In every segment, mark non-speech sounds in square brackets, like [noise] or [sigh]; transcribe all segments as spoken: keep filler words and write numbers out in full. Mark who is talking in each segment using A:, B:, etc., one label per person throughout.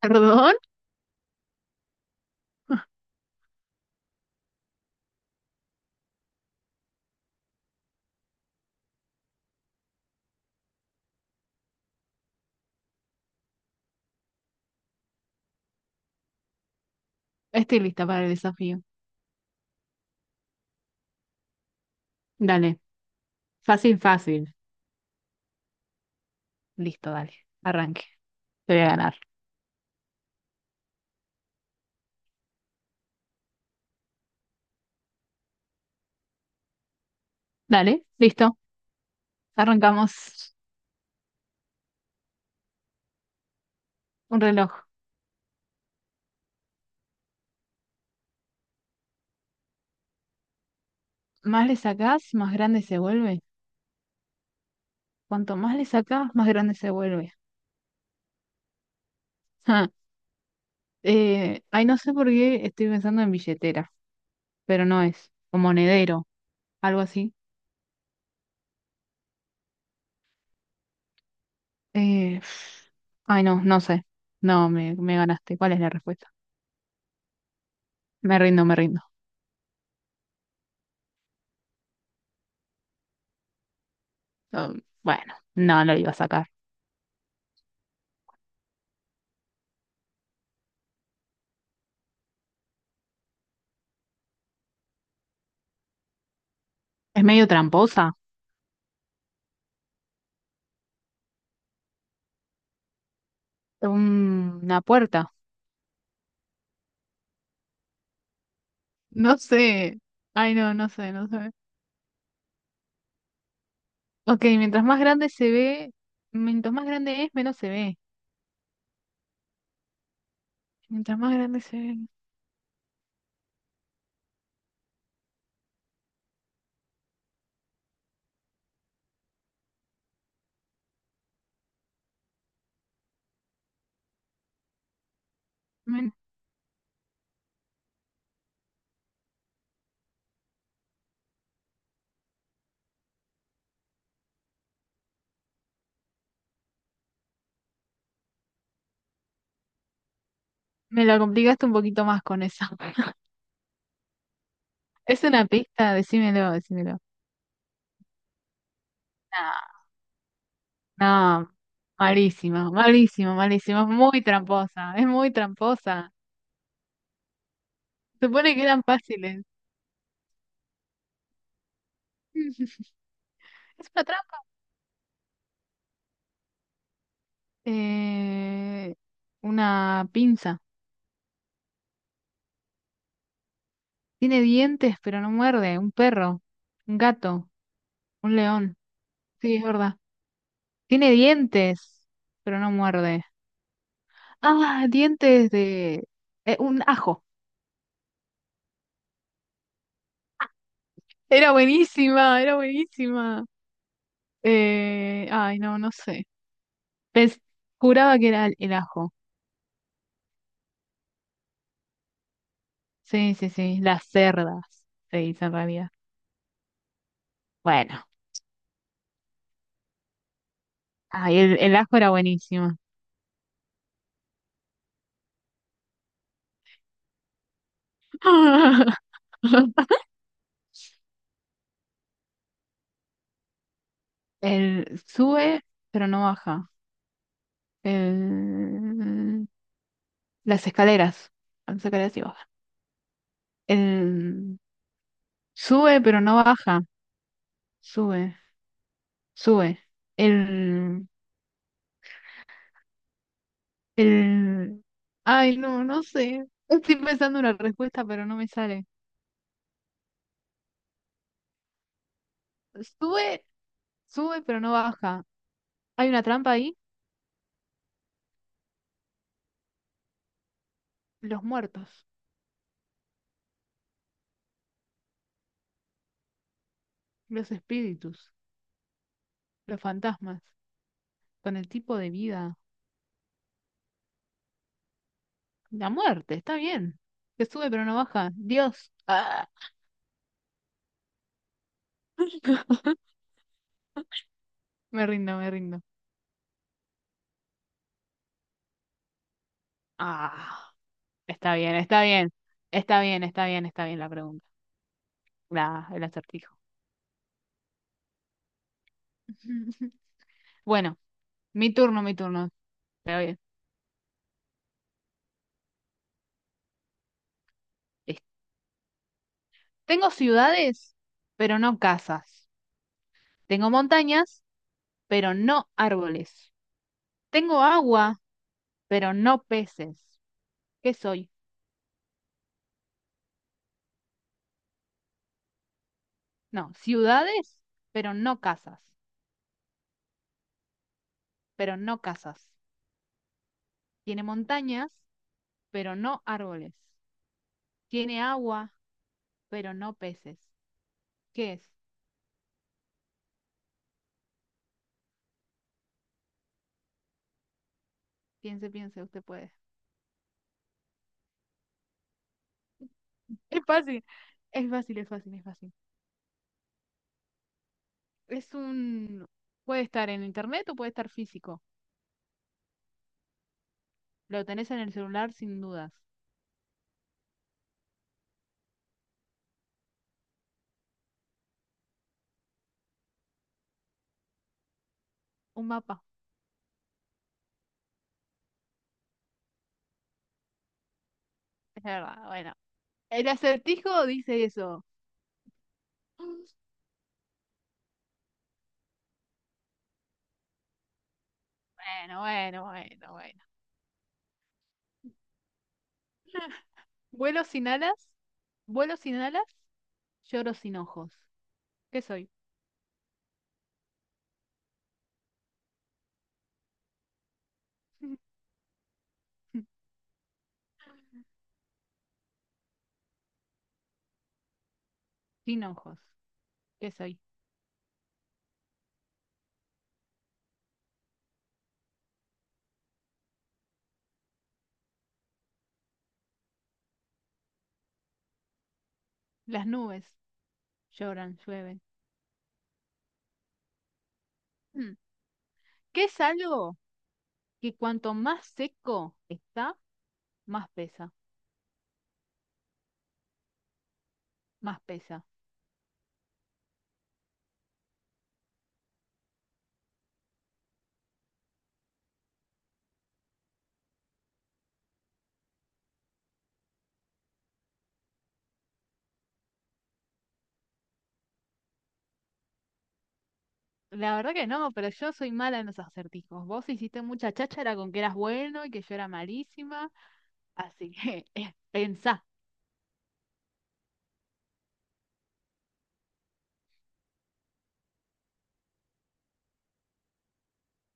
A: Perdón, estoy lista para el desafío. Dale, fácil, fácil. Listo, dale, arranque. Te voy a ganar. Dale, listo, arrancamos. Un reloj. Más le sacás, más grande se vuelve. Cuanto más le sacás, más grande se vuelve. [laughs] Ja. Eh, ay, no sé por qué estoy pensando en billetera, pero no es. O monedero, algo así. Eh, [sighs] Ay, no, no sé. No, me, me ganaste. ¿Cuál es la respuesta? Me rindo, me rindo. Um, bueno, no, no lo iba a sacar. Es medio tramposa. Un- una puerta. No sé. Ay, no, no sé, no sé. Ok, mientras más grande se ve, mientras más grande es, menos se ve. Mientras más grande se ve, men- me la complicaste un poquito más con eso. [laughs] Es una pista, decímelo, decímelo. No, no, malísima, malísima, malísima. Es muy tramposa, es muy tramposa. Supone que eran fáciles. [laughs] Es una trampa. Eh, una pinza. Tiene dientes, pero no muerde. Un perro, un gato. Un león, sí, es verdad. Tiene dientes, pero no muerde. Ah, dientes de... eh, un ajo. Era buenísima, era buenísima. Eh, ay, no, no sé. Pens- Juraba que era el, el ajo. Sí, sí, sí. Las cerdas, se dice en realidad. Bueno, ay, el, el ajo era buenísimo. [laughs] El sube, pero no baja. El, las escaleras. Las escaleras sí bajan. El sube, pero no baja. Sube, sube. El, el... Ay, no, no sé. Estoy pensando una respuesta, pero no me sale. Sube, sube, pero no baja. Hay una trampa ahí. Los muertos, los espíritus, los fantasmas, con el tipo de vida. La muerte, está bien. Que sube, pero no baja. Dios. Ah. [laughs] Me rindo, me rindo. Ah, está bien, está bien. Está bien, está bien, está bien la pregunta. La, el acertijo. [laughs] Bueno, mi turno, mi turno. Pero bien. Es- Tengo ciudades, pero no casas. Tengo montañas, pero no árboles. Tengo agua, pero no peces. ¿Qué soy? No, ciudades, pero no casas. Pero no casas. Tiene montañas, pero no árboles. Tiene agua, pero no peces. ¿Qué es? Piense, piense, usted puede. [laughs] Es fácil, es fácil, es fácil, es fácil. Es un... puede estar en internet o puede estar físico. Lo tenés en el celular sin dudas. Un mapa. Es verdad. Bueno. El acertijo dice eso. Bueno, bueno, bueno, bueno. Vuelo sin alas. Vuelo sin alas. Lloro sin ojos. ¿Qué soy? [laughs] Sin ojos. ¿Qué soy? Las nubes lloran, llueven. Mm. ¿Qué es algo que cuanto más seco está, más pesa? Más pesa. La verdad que no, pero yo soy mala en los acertijos. Vos hiciste mucha cháchara con que eras bueno y que yo era malísima. Así que [laughs] eh, pensá.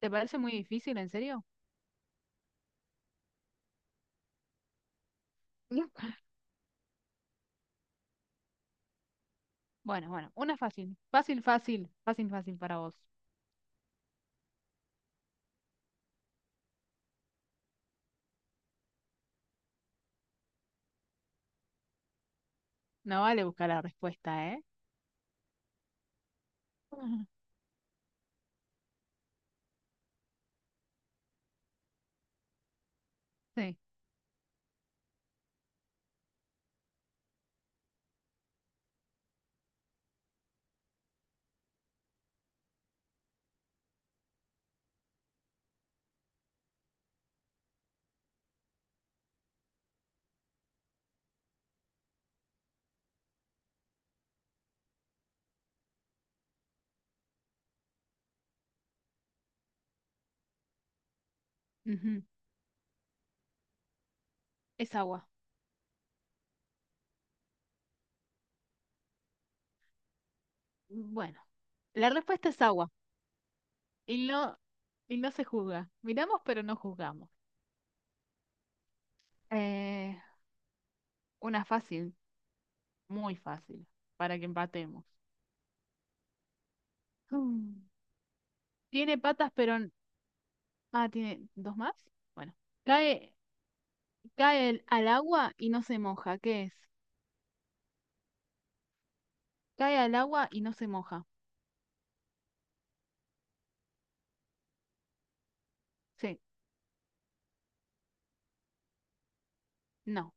A: ¿Te parece muy difícil, en serio? No. Bueno, bueno, una fácil. Fácil, fácil, fácil, fácil para vos. No vale buscar la respuesta, ¿eh? Ujú. Sí. Ujú, es agua. Bueno, la respuesta es agua. Y no, y no se juzga. Miramos, pero no juzgamos. Eh, una fácil, muy fácil, para que empatemos. Mm. Tiene patas, pero... n- ah, tiene dos más. Bueno, cae, cae el- al agua y no se moja. ¿Qué es? Cae al agua y no se moja. Sí, no,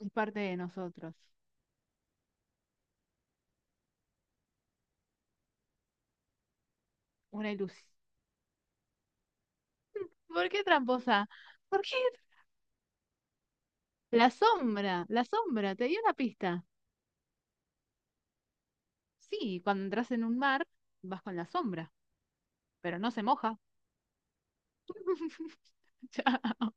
A: es parte de nosotros. Una ilusión. ¿Por qué tramposa? ¿Por qué? La sombra, la sombra, te di una pista. Sí, cuando entras en un mar, vas con la sombra, pero no se moja. [laughs] Chao.